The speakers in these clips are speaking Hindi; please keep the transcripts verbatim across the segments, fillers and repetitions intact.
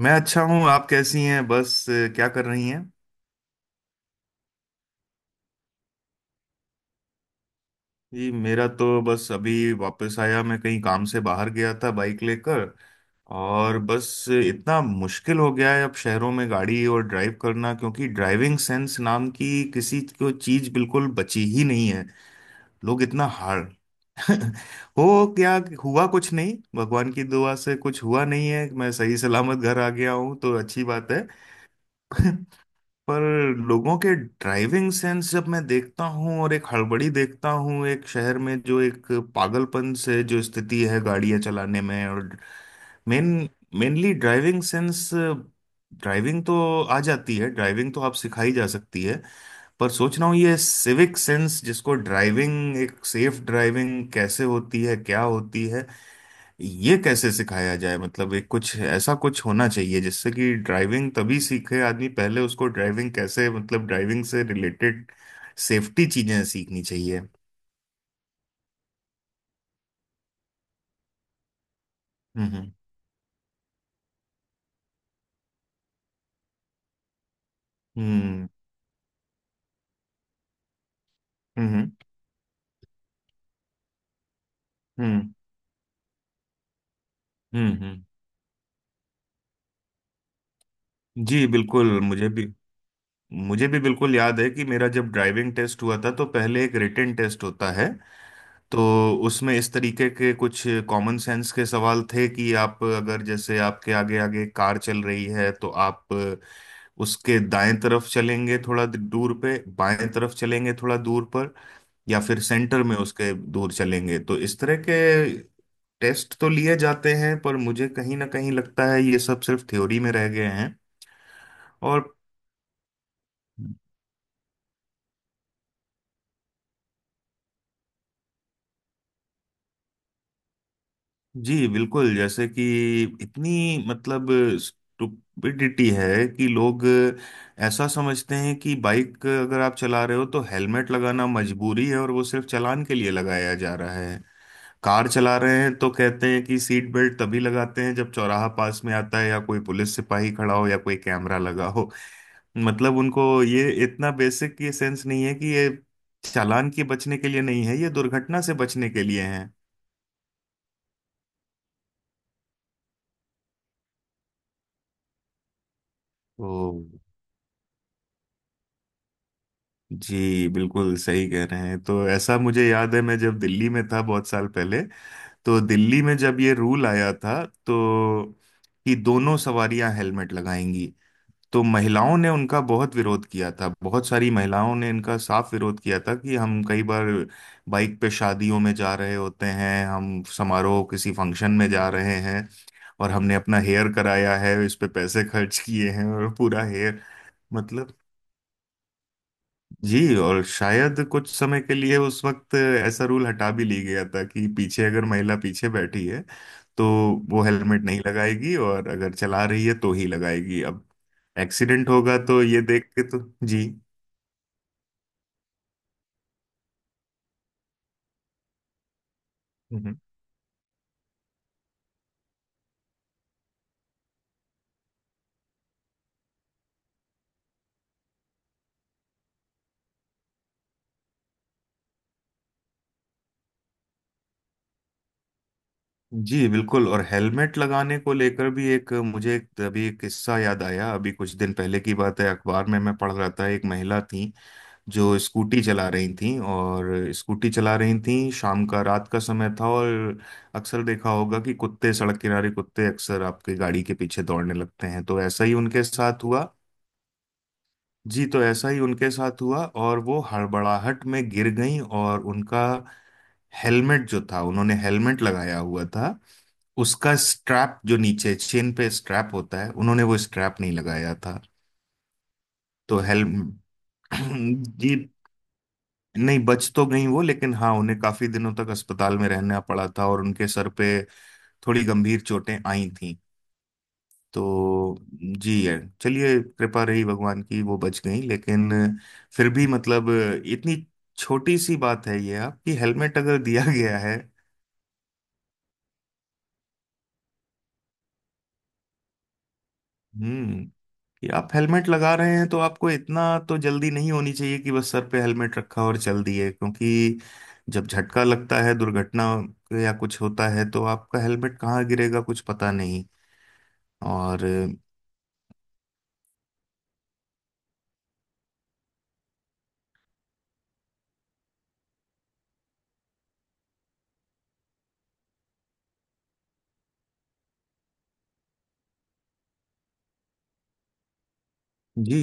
मैं अच्छा हूँ। आप कैसी हैं? बस अ, क्या कर रही हैं? जी, मेरा तो बस अभी वापस आया, मैं कहीं काम से बाहर गया था बाइक लेकर। और बस इतना मुश्किल हो गया है अब शहरों में गाड़ी और ड्राइव करना, क्योंकि ड्राइविंग सेंस नाम की किसी को चीज बिल्कुल बची ही नहीं है। लोग इतना हार हो क्या हुआ? कुछ नहीं, भगवान की दुआ से कुछ हुआ नहीं है, मैं सही सलामत घर आ गया हूँ तो अच्छी बात है। पर लोगों के ड्राइविंग सेंस जब मैं देखता हूँ और एक हड़बड़ी देखता हूँ एक शहर में, जो एक पागलपन से जो स्थिति है गाड़ियाँ चलाने में, और main mainly driving sense. Driving तो आ जाती है, ड्राइविंग तो आप सिखाई जा सकती है। पर सोच रहा हूँ ये सिविक सेंस जिसको, ड्राइविंग एक सेफ ड्राइविंग कैसे होती है, क्या होती है, ये कैसे सिखाया जाए। मतलब एक कुछ ऐसा कुछ होना चाहिए जिससे कि ड्राइविंग तभी सीखे आदमी, पहले उसको ड्राइविंग कैसे मतलब ड्राइविंग से रिलेटेड सेफ्टी चीजें सीखनी चाहिए। हम्म। हम्म। हम्म। हम्म। हम्म। हम्म। हम्म। जी बिल्कुल, मुझे भी मुझे भी बिल्कुल याद है कि मेरा जब ड्राइविंग टेस्ट हुआ था तो पहले एक रिटेन टेस्ट होता है। तो उसमें इस तरीके के कुछ कॉमन सेंस के सवाल थे कि आप अगर, जैसे आपके आगे आगे कार चल रही है तो आप उसके दाएं तरफ चलेंगे थोड़ा दूर पे, बाएं तरफ चलेंगे थोड़ा दूर पर, या फिर सेंटर में उसके दूर चलेंगे। तो इस तरह के टेस्ट तो लिए जाते हैं, पर मुझे कहीं ना कहीं लगता है ये सब सिर्फ थ्योरी में रह गए हैं। और जी बिल्कुल, जैसे कि इतनी मतलब स्टुपिडिटी है कि लोग ऐसा समझते हैं कि बाइक अगर आप चला रहे हो तो हेलमेट लगाना मजबूरी है, और वो सिर्फ चालान के लिए लगाया जा रहा है। कार चला रहे हैं तो कहते हैं कि सीट बेल्ट तभी लगाते हैं जब चौराहा पास में आता है, या कोई पुलिस सिपाही खड़ा हो या कोई कैमरा लगा हो। मतलब उनको ये इतना बेसिक ये सेंस नहीं है कि ये चालान के बचने के लिए नहीं है, ये दुर्घटना से बचने के लिए है। जी बिल्कुल सही कह रहे हैं। तो ऐसा मुझे याद है, मैं जब दिल्ली में था बहुत साल पहले, तो दिल्ली में जब ये रूल आया था तो, कि दोनों सवारियां हेलमेट लगाएंगी, तो महिलाओं ने उनका बहुत विरोध किया था। बहुत सारी महिलाओं ने इनका साफ विरोध किया था कि हम कई बार बाइक पे शादियों में जा रहे होते हैं, हम समारोह, किसी फंक्शन में जा रहे हैं और हमने अपना हेयर कराया है, इस पे पैसे खर्च किए हैं और पूरा हेयर मतलब। जी, और शायद कुछ समय के लिए उस वक्त ऐसा रूल हटा भी ली गया था कि पीछे अगर महिला पीछे बैठी है तो वो हेलमेट नहीं लगाएगी, और अगर चला रही है तो ही लगाएगी। अब एक्सीडेंट होगा तो ये देख के तो। जी। जी बिल्कुल, और हेलमेट लगाने को लेकर भी एक मुझे एक, अभी एक किस्सा याद आया। अभी कुछ दिन पहले की बात है, अखबार में मैं पढ़ रहा था, एक महिला थी जो स्कूटी चला रही थी, और स्कूटी चला रही थी, शाम का रात का समय था और अक्सर देखा होगा कि कुत्ते सड़क किनारे, कुत्ते अक्सर आपके गाड़ी के पीछे दौड़ने लगते हैं, तो ऐसा ही उनके साथ हुआ। जी, तो ऐसा ही उनके साथ हुआ और वो हड़बड़ाहट में गिर गई, और उनका हेलमेट जो था, उन्होंने हेलमेट लगाया हुआ था। उसका स्ट्रैप जो नीचे चेन पे स्ट्रैप होता है, उन्होंने वो स्ट्रैप नहीं लगाया था। तो हेल जी नहीं, बच तो गई वो, लेकिन हाँ उन्हें काफी दिनों तक अस्पताल में रहना पड़ा था, और उनके सर पे थोड़ी गंभीर चोटें आई। तो जी है, चलिए कृपा रही भगवान की वो बच गई, लेकिन फिर भी मतलब, इतनी छोटी सी बात है ये आपकी हेलमेट अगर दिया गया है। हम्म। कि आप हेलमेट लगा रहे हैं, तो आपको इतना तो जल्दी नहीं होनी चाहिए कि बस सर पे हेलमेट रखा और चल दिए, क्योंकि जब झटका लगता है दुर्घटना या कुछ होता है तो आपका हेलमेट कहाँ गिरेगा कुछ पता नहीं। और जी।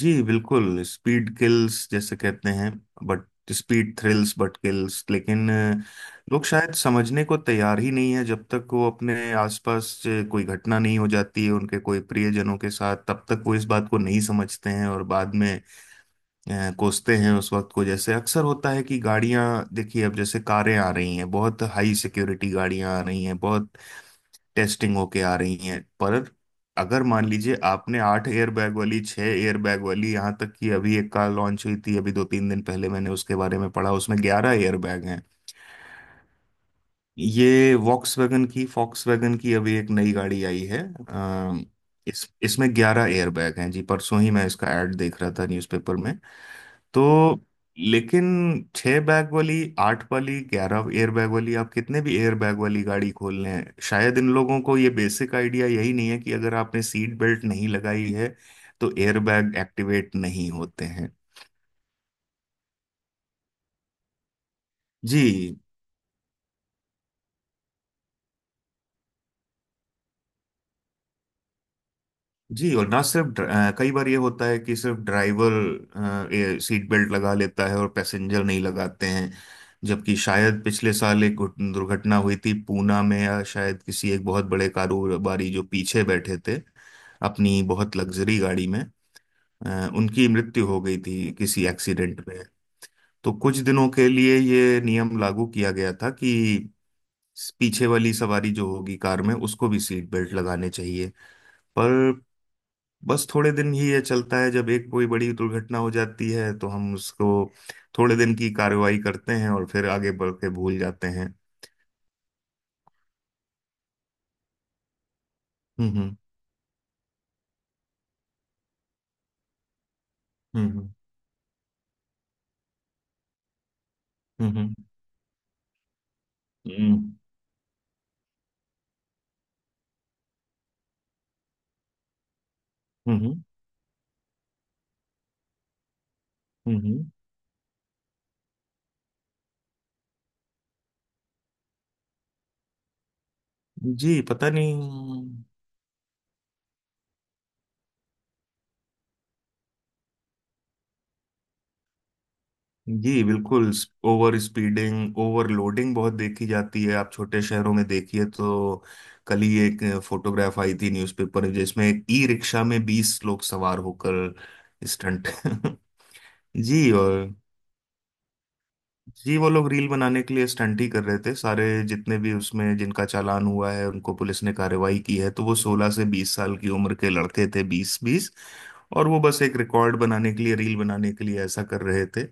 जी बिल्कुल, स्पीड किल्स जैसे कहते हैं, but speed thrills but kills. लेकिन अ, लोग शायद समझने को तैयार ही नहीं है जब तक वो अपने आसपास अ, कोई घटना नहीं हो जाती है उनके कोई प्रियजनों के साथ, तब तक वो इस बात को नहीं समझते हैं, और बाद में अ, कोसते हैं उस वक्त को। जैसे अक्सर होता है कि गाड़ियां, देखिए अब जैसे कारें आ रही हैं, बहुत हाई सिक्योरिटी गाड़ियां आ रही हैं, बहुत टेस्टिंग होके आ रही हैं, पर अगर मान लीजिए आपने आठ एयरबैग वाली, छह एयरबैग वाली, यहाँ तक कि अभी एक कार लॉन्च हुई थी अभी दो तीन दिन पहले, मैंने उसके बारे में पढ़ा, उसमें ग्यारह एयरबैग हैं। ये वॉक्सवैगन की वैगन की अभी एक नई गाड़ी आई है। अ, इस इसमें ग्यारह एयरबैग हैं जी, परसों ही मैं इसका एड देख रहा था न्यूज़पेपर में। तो लेकिन छह बैग वाली, आठ वाली, ग्यारह एयर बैग वाली, आप कितने भी एयर बैग वाली गाड़ी खोल लें, शायद इन लोगों को ये बेसिक आइडिया यही नहीं है कि अगर आपने सीट बेल्ट नहीं लगाई है तो एयर बैग एक्टिवेट नहीं होते हैं। जी। जी, और ना सिर्फ ड्र- अ, कई बार ये होता है कि सिर्फ ड्राइवर सीट बेल्ट लगा लेता है और पैसेंजर नहीं लगाते हैं। जबकि शायद पिछले साल एक घुट- दुर्घटना हुई थी पूना में, या शायद किसी, एक बहुत बड़े कारोबारी जो पीछे बैठे थे अपनी बहुत लग्जरी गाड़ी में, अ, उनकी मृत्यु हो गई थी किसी एक्सीडेंट में। तो कुछ दिनों के लिए ये नियम लागू किया गया था कि पीछे वाली सवारी जो होगी कार में, उसको भी सीट बेल्ट लगाने चाहिए। पर बस थोड़े दिन ही ये चलता है, जब एक कोई बड़ी दुर्घटना हो जाती है तो हम उसको थोड़े दिन की कार्रवाई करते हैं और फिर आगे बढ़ के भूल जाते हैं। हम्म। हम्म। हम्म। हम्म। हम्म। हम्म। हम्म। हम्म, हम्म, हम्म, हम्म। जी पता नहीं। जी बिल्कुल, ओवर स्पीडिंग, ओवरलोडिंग बहुत देखी जाती है, आप छोटे शहरों में देखिए तो। कल ही एक फोटोग्राफ आई थी न्यूज़पेपर में जिसमें ई रिक्शा में बीस लोग सवार होकर स्टंट। जी, और जी वो लोग रील बनाने के लिए स्टंट ही कर रहे थे सारे, जितने भी उसमें जिनका चालान हुआ है, उनको पुलिस ने कार्रवाई की है, तो वो सोलह से बीस साल की उम्र के लड़के थे, बीस बीस। और वो बस एक रिकॉर्ड बनाने के लिए, रील बनाने के लिए ऐसा कर रहे थे।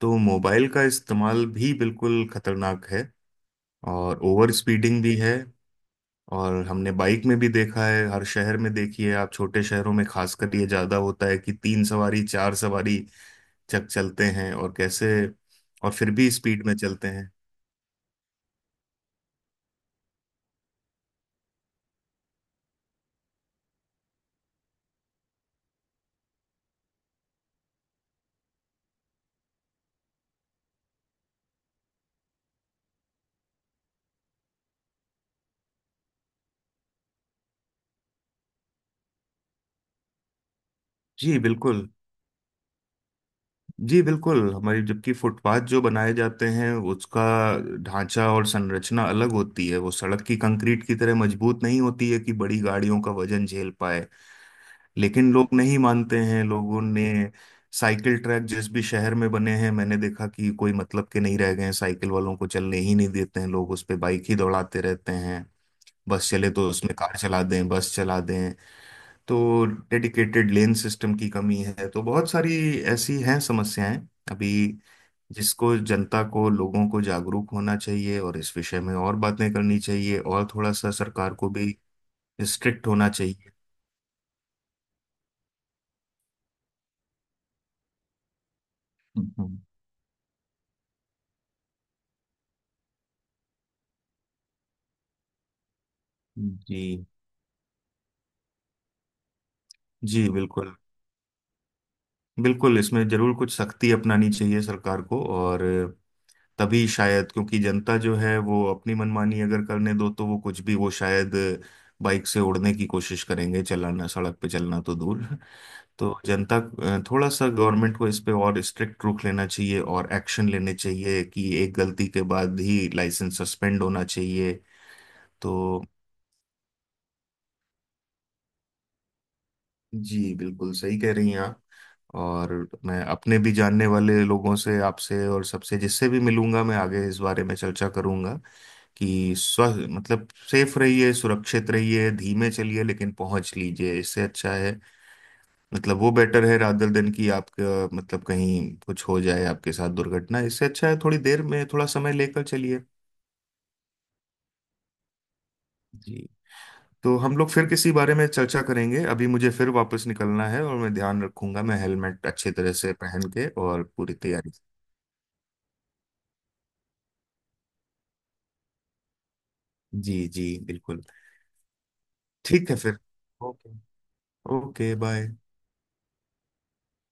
तो मोबाइल का इस्तेमाल भी बिल्कुल खतरनाक है, और ओवर स्पीडिंग भी है। और हमने बाइक में भी देखा है, हर शहर में देखिए आप, छोटे शहरों में खासकर ये ज्यादा होता है कि तीन सवारी, चार सवारी चक चलते हैं और कैसे, और फिर भी स्पीड में चलते हैं। जी बिल्कुल। जी बिल्कुल हमारी, जबकि फुटपाथ जो बनाए जाते हैं उसका ढांचा और संरचना अलग होती है, वो सड़क की कंक्रीट की तरह मजबूत नहीं होती है कि बड़ी गाड़ियों का वजन झेल पाए। लेकिन लोग नहीं मानते हैं। लोगों ने साइकिल ट्रैक जिस भी शहर में बने हैं, मैंने देखा कि कोई मतलब के नहीं रह गए हैं, साइकिल वालों को चलने ही नहीं देते हैं लोग, उस पे बाइक ही दौड़ाते रहते हैं। बस चले तो उसमें कार चला दें, बस चला दें। तो डेडिकेटेड लेन सिस्टम की कमी है, तो बहुत सारी ऐसी हैं समस्याएं अभी, जिसको जनता को, लोगों को जागरूक होना चाहिए, और इस विषय में और बातें करनी चाहिए और थोड़ा सा सरकार को भी स्ट्रिक्ट होना चाहिए। हम्म। जी। जी बिल्कुल, बिल्कुल इसमें जरूर कुछ सख्ती अपनानी चाहिए सरकार को, और तभी शायद, क्योंकि जनता जो है वो अपनी मनमानी अगर करने दो तो वो कुछ भी, वो शायद बाइक से उड़ने की कोशिश करेंगे, चलाना सड़क पे चलना तो दूर। तो जनता, अ, थोड़ा सा गवर्नमेंट को इस पे और स्ट्रिक्ट रुख लेना चाहिए और एक्शन लेने चाहिए कि एक गलती के बाद ही लाइसेंस सस्पेंड होना चाहिए। तो जी बिल्कुल सही कह रही हैं आप। और मैं अपने भी जानने वाले लोगों से, आपसे और सबसे जिससे भी मिलूंगा मैं, आगे इस बारे में चर्चा करूंगा कि स्व मतलब सेफ रहिए, सुरक्षित रहिए, धीमे चलिए लेकिन पहुंच लीजिए, इससे अच्छा है। मतलब वो बेटर है रात दर दिन की आपका, मतलब कहीं कुछ हो जाए आपके साथ दुर्घटना, इससे अच्छा है थोड़ी देर में थोड़ा समय लेकर चलिए। जी। तो हम लोग फिर किसी बारे में चर्चा करेंगे, अभी मुझे फिर वापस निकलना है, और मैं ध्यान रखूंगा, मैं हेलमेट अच्छे तरह से पहन के और पूरी तैयारी। जी, जी बिल्कुल। ठीक है फिर। ओके। Okay bye.